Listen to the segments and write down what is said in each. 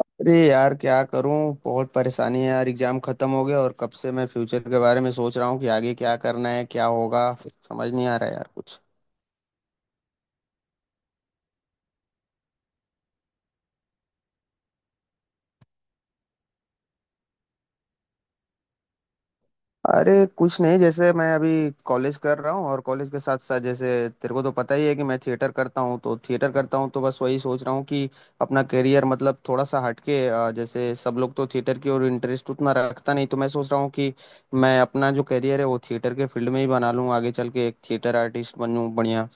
अरे यार क्या करूं। बहुत परेशानी है यार, एग्जाम खत्म हो गया और कब से मैं फ्यूचर के बारे में सोच रहा हूँ कि आगे क्या करना है, क्या होगा समझ नहीं आ रहा है यार कुछ। अरे कुछ नहीं, जैसे मैं अभी कॉलेज कर रहा हूँ और कॉलेज के साथ साथ जैसे तेरे को तो पता ही है कि मैं थिएटर करता हूँ, तो बस वही सोच रहा हूँ कि अपना करियर मतलब थोड़ा सा हटके, जैसे सब लोग तो थिएटर की ओर इंटरेस्ट उतना रखता नहीं, तो मैं सोच रहा हूँ कि मैं अपना जो करियर है वो थिएटर के फील्ड में ही बना लूँ, आगे चल के एक थिएटर आर्टिस्ट बनूँ बढ़िया।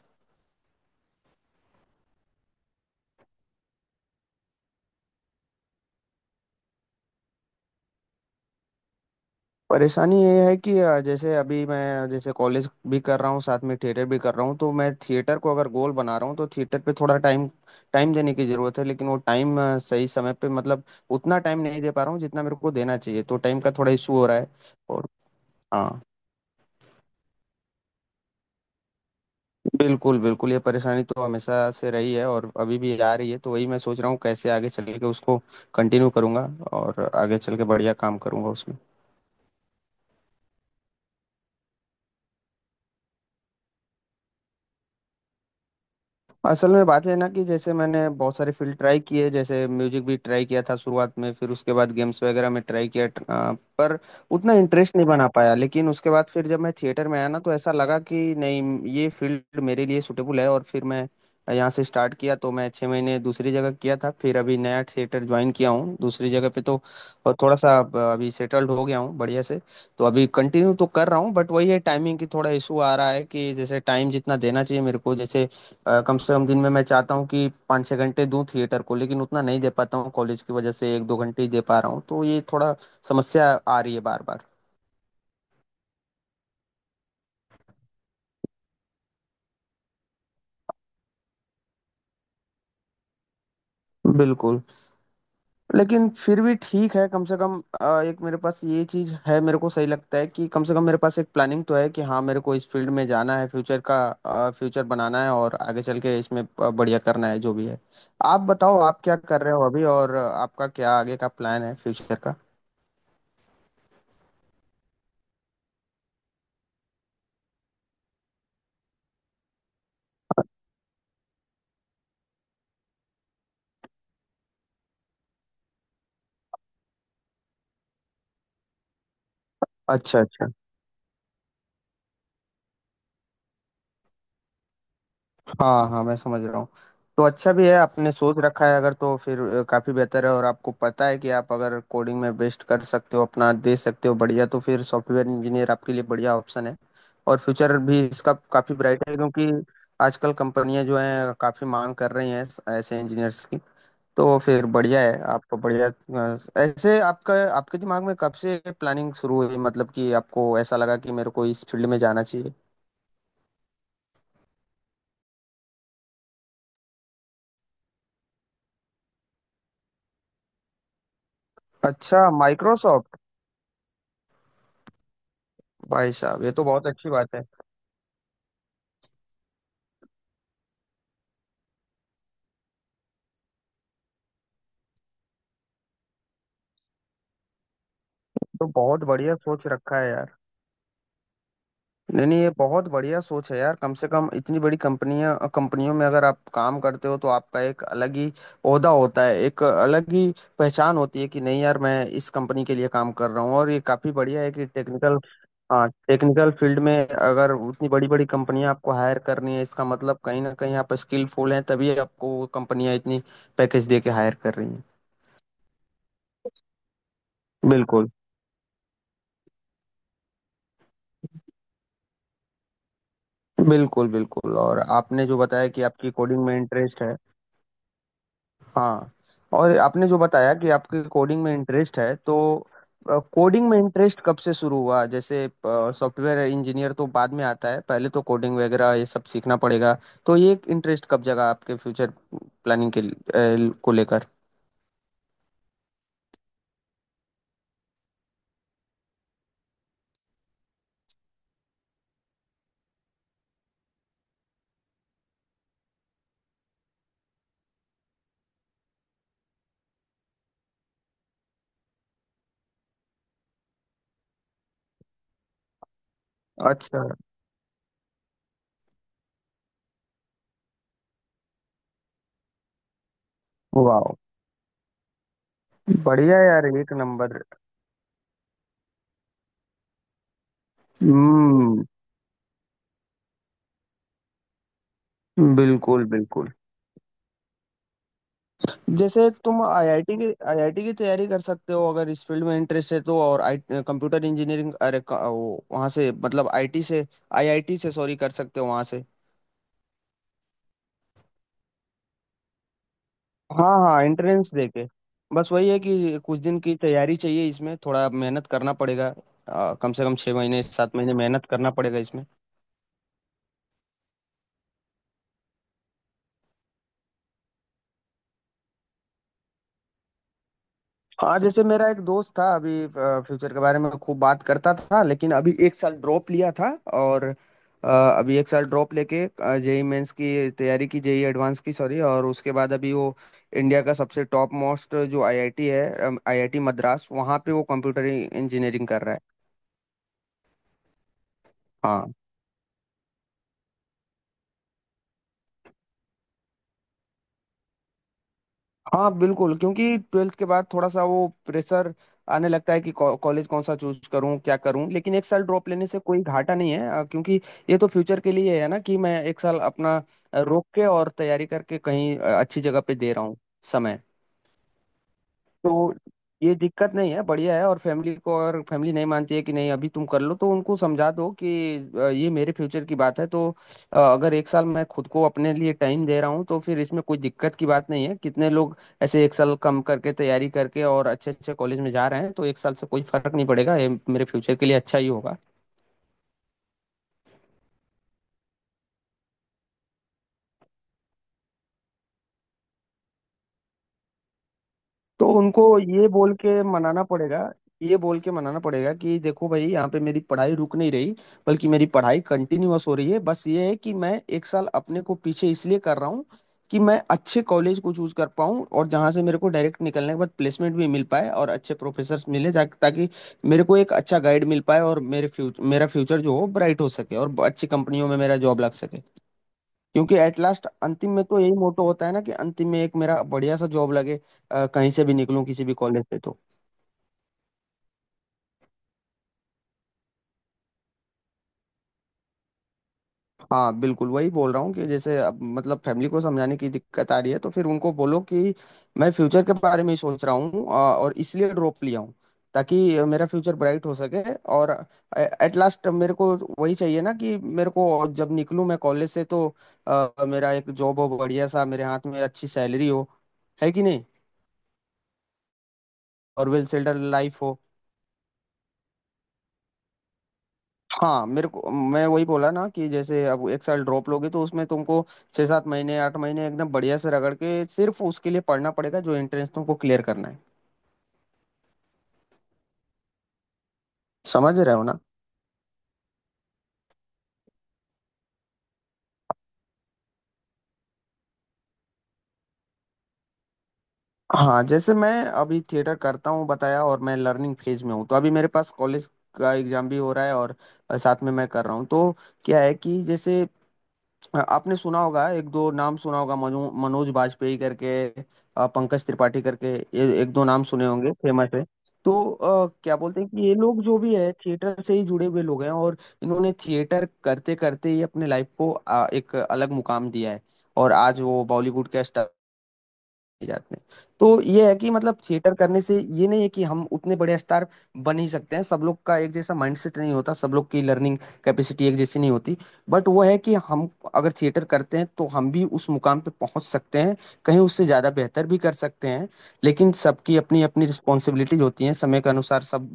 परेशानी ये है कि जैसे अभी मैं जैसे कॉलेज भी कर रहा हूँ साथ में थिएटर भी कर रहा हूँ, तो मैं थिएटर को अगर गोल बना रहा हूँ तो थिएटर पे थोड़ा टाइम टाइम देने की ज़रूरत है, लेकिन वो टाइम सही समय पे मतलब उतना टाइम नहीं दे पा रहा हूँ जितना मेरे को देना चाहिए, तो टाइम का थोड़ा इशू हो रहा है और। हाँ। बिल्कुल बिल्कुल, ये परेशानी तो हमेशा से रही है और अभी भी आ रही है, तो वही मैं सोच रहा हूँ कैसे आगे चल के उसको कंटिन्यू करूंगा और आगे चल के बढ़िया काम करूंगा उसमें। असल में बात है ना कि जैसे मैंने बहुत सारे फील्ड ट्राई किए, जैसे म्यूजिक भी ट्राई किया था शुरुआत में, फिर उसके बाद गेम्स वगैरह में ट्राई किया पर उतना इंटरेस्ट नहीं बना पाया। लेकिन उसके बाद फिर जब मैं थिएटर में आया ना तो ऐसा लगा कि नहीं, ये फील्ड मेरे लिए सूटेबल है, और फिर मैं यहाँ से स्टार्ट किया। तो मैं 6 महीने दूसरी जगह किया था, फिर अभी नया थिएटर ज्वाइन किया हूँ दूसरी जगह पे, तो और थोड़ा सा अब अभी सेटल्ड हो गया हूँ बढ़िया से। तो अभी कंटिन्यू तो कर रहा हूँ, बट वही है टाइमिंग की थोड़ा इशू आ रहा है कि जैसे टाइम जितना देना चाहिए मेरे को, जैसे कम से कम दिन में मैं चाहता हूँ कि 5 छः घंटे दूं थिएटर को, लेकिन उतना नहीं दे पाता हूँ, कॉलेज की वजह से 1 2 घंटे ही दे पा रहा हूँ, तो ये थोड़ा समस्या आ रही है बार बार। बिल्कुल। लेकिन फिर भी ठीक है, कम से कम एक मेरे पास ये चीज है, मेरे को सही लगता है कि कम से कम मेरे पास एक प्लानिंग तो है कि हाँ मेरे को इस फील्ड में जाना है, फ्यूचर बनाना है और आगे चल के इसमें बढ़िया करना है जो भी है। आप बताओ आप क्या कर रहे हो अभी, और आपका क्या आगे का प्लान है फ्यूचर का। अच्छा अच्छा। हाँ हाँ, मैं समझ रहा हूँ। तो अच्छा भी है आपने सोच रखा है अगर, तो फिर काफी बेहतर है और आपको पता है कि आप अगर कोडिंग में बेस्ट कर सकते हो, अपना दे सकते हो बढ़िया, तो फिर सॉफ्टवेयर इंजीनियर आपके लिए बढ़िया ऑप्शन है। और फ्यूचर भी इसका काफी ब्राइट है, क्योंकि आजकल कंपनियां जो हैं काफी मांग कर रही हैं ऐसे इंजीनियर्स की। तो फिर बढ़िया है आपको बढ़िया। ऐसे आपका आपके दिमाग में कब से प्लानिंग शुरू हुई, मतलब कि आपको ऐसा लगा कि मेरे को इस फील्ड में जाना चाहिए। अच्छा माइक्रोसॉफ्ट। भाई साहब ये तो बहुत अच्छी बात है। तो बहुत बढ़िया सोच रखा है यार। नहीं नहीं, ये बहुत बढ़िया सोच है यार, कम से कम इतनी बड़ी कंपनियां कंपनियों में अगर आप काम करते हो तो आपका एक अलग ही ओहदा होता है, एक अलग ही पहचान होती है कि नहीं यार मैं इस कंपनी के लिए काम कर रहा हूँ, और ये काफी बढ़िया है कि टेक्निकल। हाँ, टेक्निकल फील्ड में अगर उतनी बड़ी बड़ी कंपनियां आपको हायर करनी है, इसका मतलब कहीं ना कहीं आप स्किलफुल हैं, तभी आपको वो कंपनियां इतनी पैकेज दे के हायर कर रही हैं। बिल्कुल। बिल्कुल, बिल्कुल, और आपने जो बताया कि आपकी कोडिंग में इंटरेस्ट है। हाँ, और आपने जो बताया कि आपकी कोडिंग में इंटरेस्ट है, तो कोडिंग में इंटरेस्ट कब से शुरू हुआ, जैसे सॉफ्टवेयर इंजीनियर तो बाद में आता है, पहले तो कोडिंग वगैरह ये सब सीखना पड़ेगा। तो ये इंटरेस्ट कब जगा आपके फ्यूचर प्लानिंग के को लेकर। अच्छा। वाह। बढ़िया यार एक नंबर। हम्म। बिल्कुल बिल्कुल। जैसे तुम आईआईटी की तैयारी कर सकते हो अगर इस फील्ड में इंटरेस्ट है तो, और आई कंप्यूटर इंजीनियरिंग। वो वहाँ से मतलब आईटी से आईआईटी से, सॉरी, कर सकते हो वहाँ से। हाँ हाँ एंट्रेंस देके। बस वही है कि कुछ दिन की तैयारी चाहिए, इसमें थोड़ा मेहनत करना पड़ेगा। कम से कम 6 महीने 7 महीने मेहनत करना पड़ेगा इसमें। हाँ, जैसे मेरा एक दोस्त था, अभी फ्यूचर के बारे में खूब बात करता था, लेकिन अभी 1 साल ड्रॉप लिया था, और अ, अभी एक साल ड्रॉप लेके जेई मेंस की तैयारी की, जेई एडवांस की सॉरी, और उसके बाद अभी वो इंडिया का सबसे टॉप मोस्ट जो आईआईटी है, आईआईटी मद्रास, वहाँ पे वो कंप्यूटर इंजीनियरिंग कर रहा है। हाँ हाँ बिल्कुल, क्योंकि ट्वेल्थ के बाद थोड़ा सा वो प्रेशर आने लगता है कि कॉलेज कौन सा चूज करूँ क्या करूँ, लेकिन एक साल ड्रॉप लेने से कोई घाटा नहीं है क्योंकि ये तो फ्यूचर के लिए है ना कि मैं 1 साल अपना रोक के और तैयारी करके कहीं अच्छी जगह पे दे रहा हूँ समय। तो ये दिक्कत नहीं है, बढ़िया है। और फैमिली को, और फैमिली नहीं मानती है कि नहीं अभी तुम कर लो, तो उनको समझा दो कि ये मेरे फ्यूचर की बात है, तो अगर एक साल मैं खुद को अपने लिए टाइम दे रहा हूँ तो फिर इसमें कोई दिक्कत की बात नहीं है। कितने लोग ऐसे एक साल कम करके तैयारी करके और अच्छे अच्छे कॉलेज में जा रहे हैं, तो एक साल से कोई फर्क नहीं पड़ेगा, ये मेरे फ्यूचर के लिए अच्छा ही होगा। तो उनको ये बोल के मनाना पड़ेगा, ये बोल के मनाना पड़ेगा कि देखो भाई यहाँ पे मेरी पढ़ाई रुक नहीं रही, बल्कि मेरी पढ़ाई कंटिन्यूअस हो रही है, बस ये है कि मैं एक साल अपने को पीछे इसलिए कर रहा हूँ कि मैं अच्छे कॉलेज को चूज कर पाऊँ और जहाँ से मेरे को डायरेक्ट निकलने के बाद प्लेसमेंट भी मिल पाए और अच्छे प्रोफेसर मिले ताकि मेरे को एक अच्छा गाइड मिल पाए, और मेरे फ्यूचर मेरा फ्यूचर जो हो ब्राइट हो सके और अच्छी कंपनियों में मेरा जॉब लग सके। क्योंकि एट लास्ट, अंतिम में तो यही मोटो होता है ना कि अंतिम में एक मेरा बढ़िया सा जॉब लगे, कहीं से भी निकलूं किसी भी कॉलेज से तो। हाँ बिल्कुल, वही बोल रहा हूँ कि जैसे अब मतलब फैमिली को समझाने की दिक्कत आ रही है, तो फिर उनको बोलो कि मैं फ्यूचर के बारे में ही सोच रहा हूँ, और इसलिए ड्रॉप लिया हूँ ताकि मेरा फ्यूचर ब्राइट हो सके। और एट लास्ट मेरे को वही चाहिए ना कि मेरे को जब निकलूं मैं कॉलेज से तो मेरा एक जॉब हो बढ़िया सा, मेरे हाथ में अच्छी सैलरी हो, है कि नहीं। और वेल सेटल्ड लाइफ हो। हाँ मेरे को, मैं वही बोला ना कि जैसे अब एक साल ड्रॉप लोगे तो उसमें तुमको 6 7 महीने 8 महीने एकदम बढ़िया से रगड़ के सिर्फ उसके लिए पढ़ना पड़ेगा जो एंट्रेंस तुमको क्लियर करना है। समझ रहे हो ना। हाँ जैसे मैं अभी थिएटर करता हूँ बताया, और मैं लर्निंग फेज में हूँ, तो अभी मेरे पास कॉलेज का एग्जाम भी हो रहा है और साथ में मैं कर रहा हूँ, तो क्या है कि जैसे आपने सुना होगा एक दो नाम सुना होगा मनोज बाजपेयी करके, पंकज त्रिपाठी करके, ये एक दो नाम सुने होंगे फेमस है। तो क्या बोलते हैं कि ये लोग जो भी है थिएटर से ही जुड़े हुए लोग हैं, और इन्होंने थिएटर करते करते ही अपने लाइफ को एक अलग मुकाम दिया है और आज वो बॉलीवुड के जात में। तो ये है कि मतलब थिएटर करने से ये नहीं है कि हम उतने बड़े स्टार बन ही सकते हैं, सब लोग का एक जैसा माइंडसेट नहीं होता, सब लोग की लर्निंग कैपेसिटी एक जैसी नहीं होती, बट वो है कि हम अगर थिएटर करते हैं तो हम भी उस मुकाम पे पहुंच सकते हैं, कहीं उससे ज्यादा बेहतर भी कर सकते हैं। लेकिन सबकी अपनी अपनी रिस्पॉन्सिबिलिटीज होती हैं, समय के अनुसार सब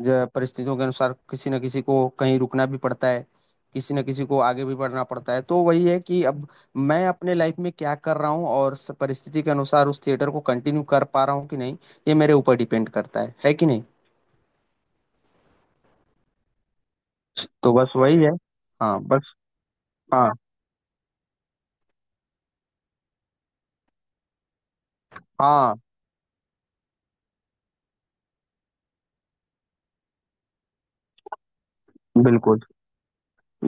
जो परिस्थितियों के अनुसार किसी न किसी को कहीं रुकना भी पड़ता है, किसी न किसी को आगे भी बढ़ना पड़ता है। तो वही है कि अब मैं अपने लाइफ में क्या कर रहा हूँ और परिस्थिति के अनुसार उस थिएटर को कंटिन्यू कर पा रहा हूँ कि नहीं, ये मेरे ऊपर डिपेंड करता है कि नहीं। तो बस वही है। हाँ बस। हाँ हाँ। बिल्कुल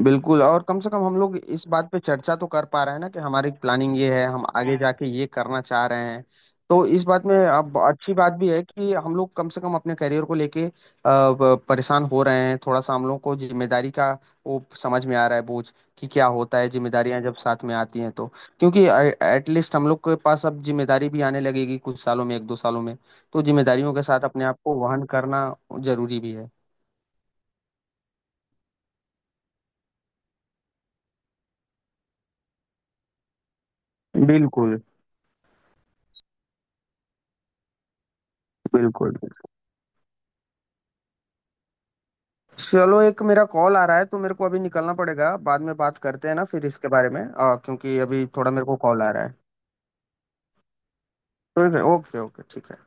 बिल्कुल, और कम से कम हम लोग इस बात पे चर्चा तो कर पा रहे हैं ना कि हमारी प्लानिंग ये है, हम आगे जाके ये करना चाह रहे हैं। तो इस बात में अब अच्छी बात भी है कि हम लोग कम से कम अपने करियर को लेके परेशान हो रहे हैं थोड़ा सा, हम लोग को जिम्मेदारी का वो समझ में आ रहा है बोझ कि क्या होता है जिम्मेदारियां जब साथ में आती हैं तो, क्योंकि एटलीस्ट हम लोग के पास अब जिम्मेदारी भी आने लगेगी कुछ सालों में 1 2 सालों में, तो जिम्मेदारियों के साथ अपने आप को वहन करना जरूरी भी है। बिल्कुल बिल्कुल। चलो एक मेरा कॉल आ रहा है तो मेरे को अभी निकलना पड़ेगा, बाद में बात करते हैं ना फिर इसके बारे में, क्योंकि अभी थोड़ा मेरे को कॉल आ रहा है। ठीक है ओके ओके ठीक है।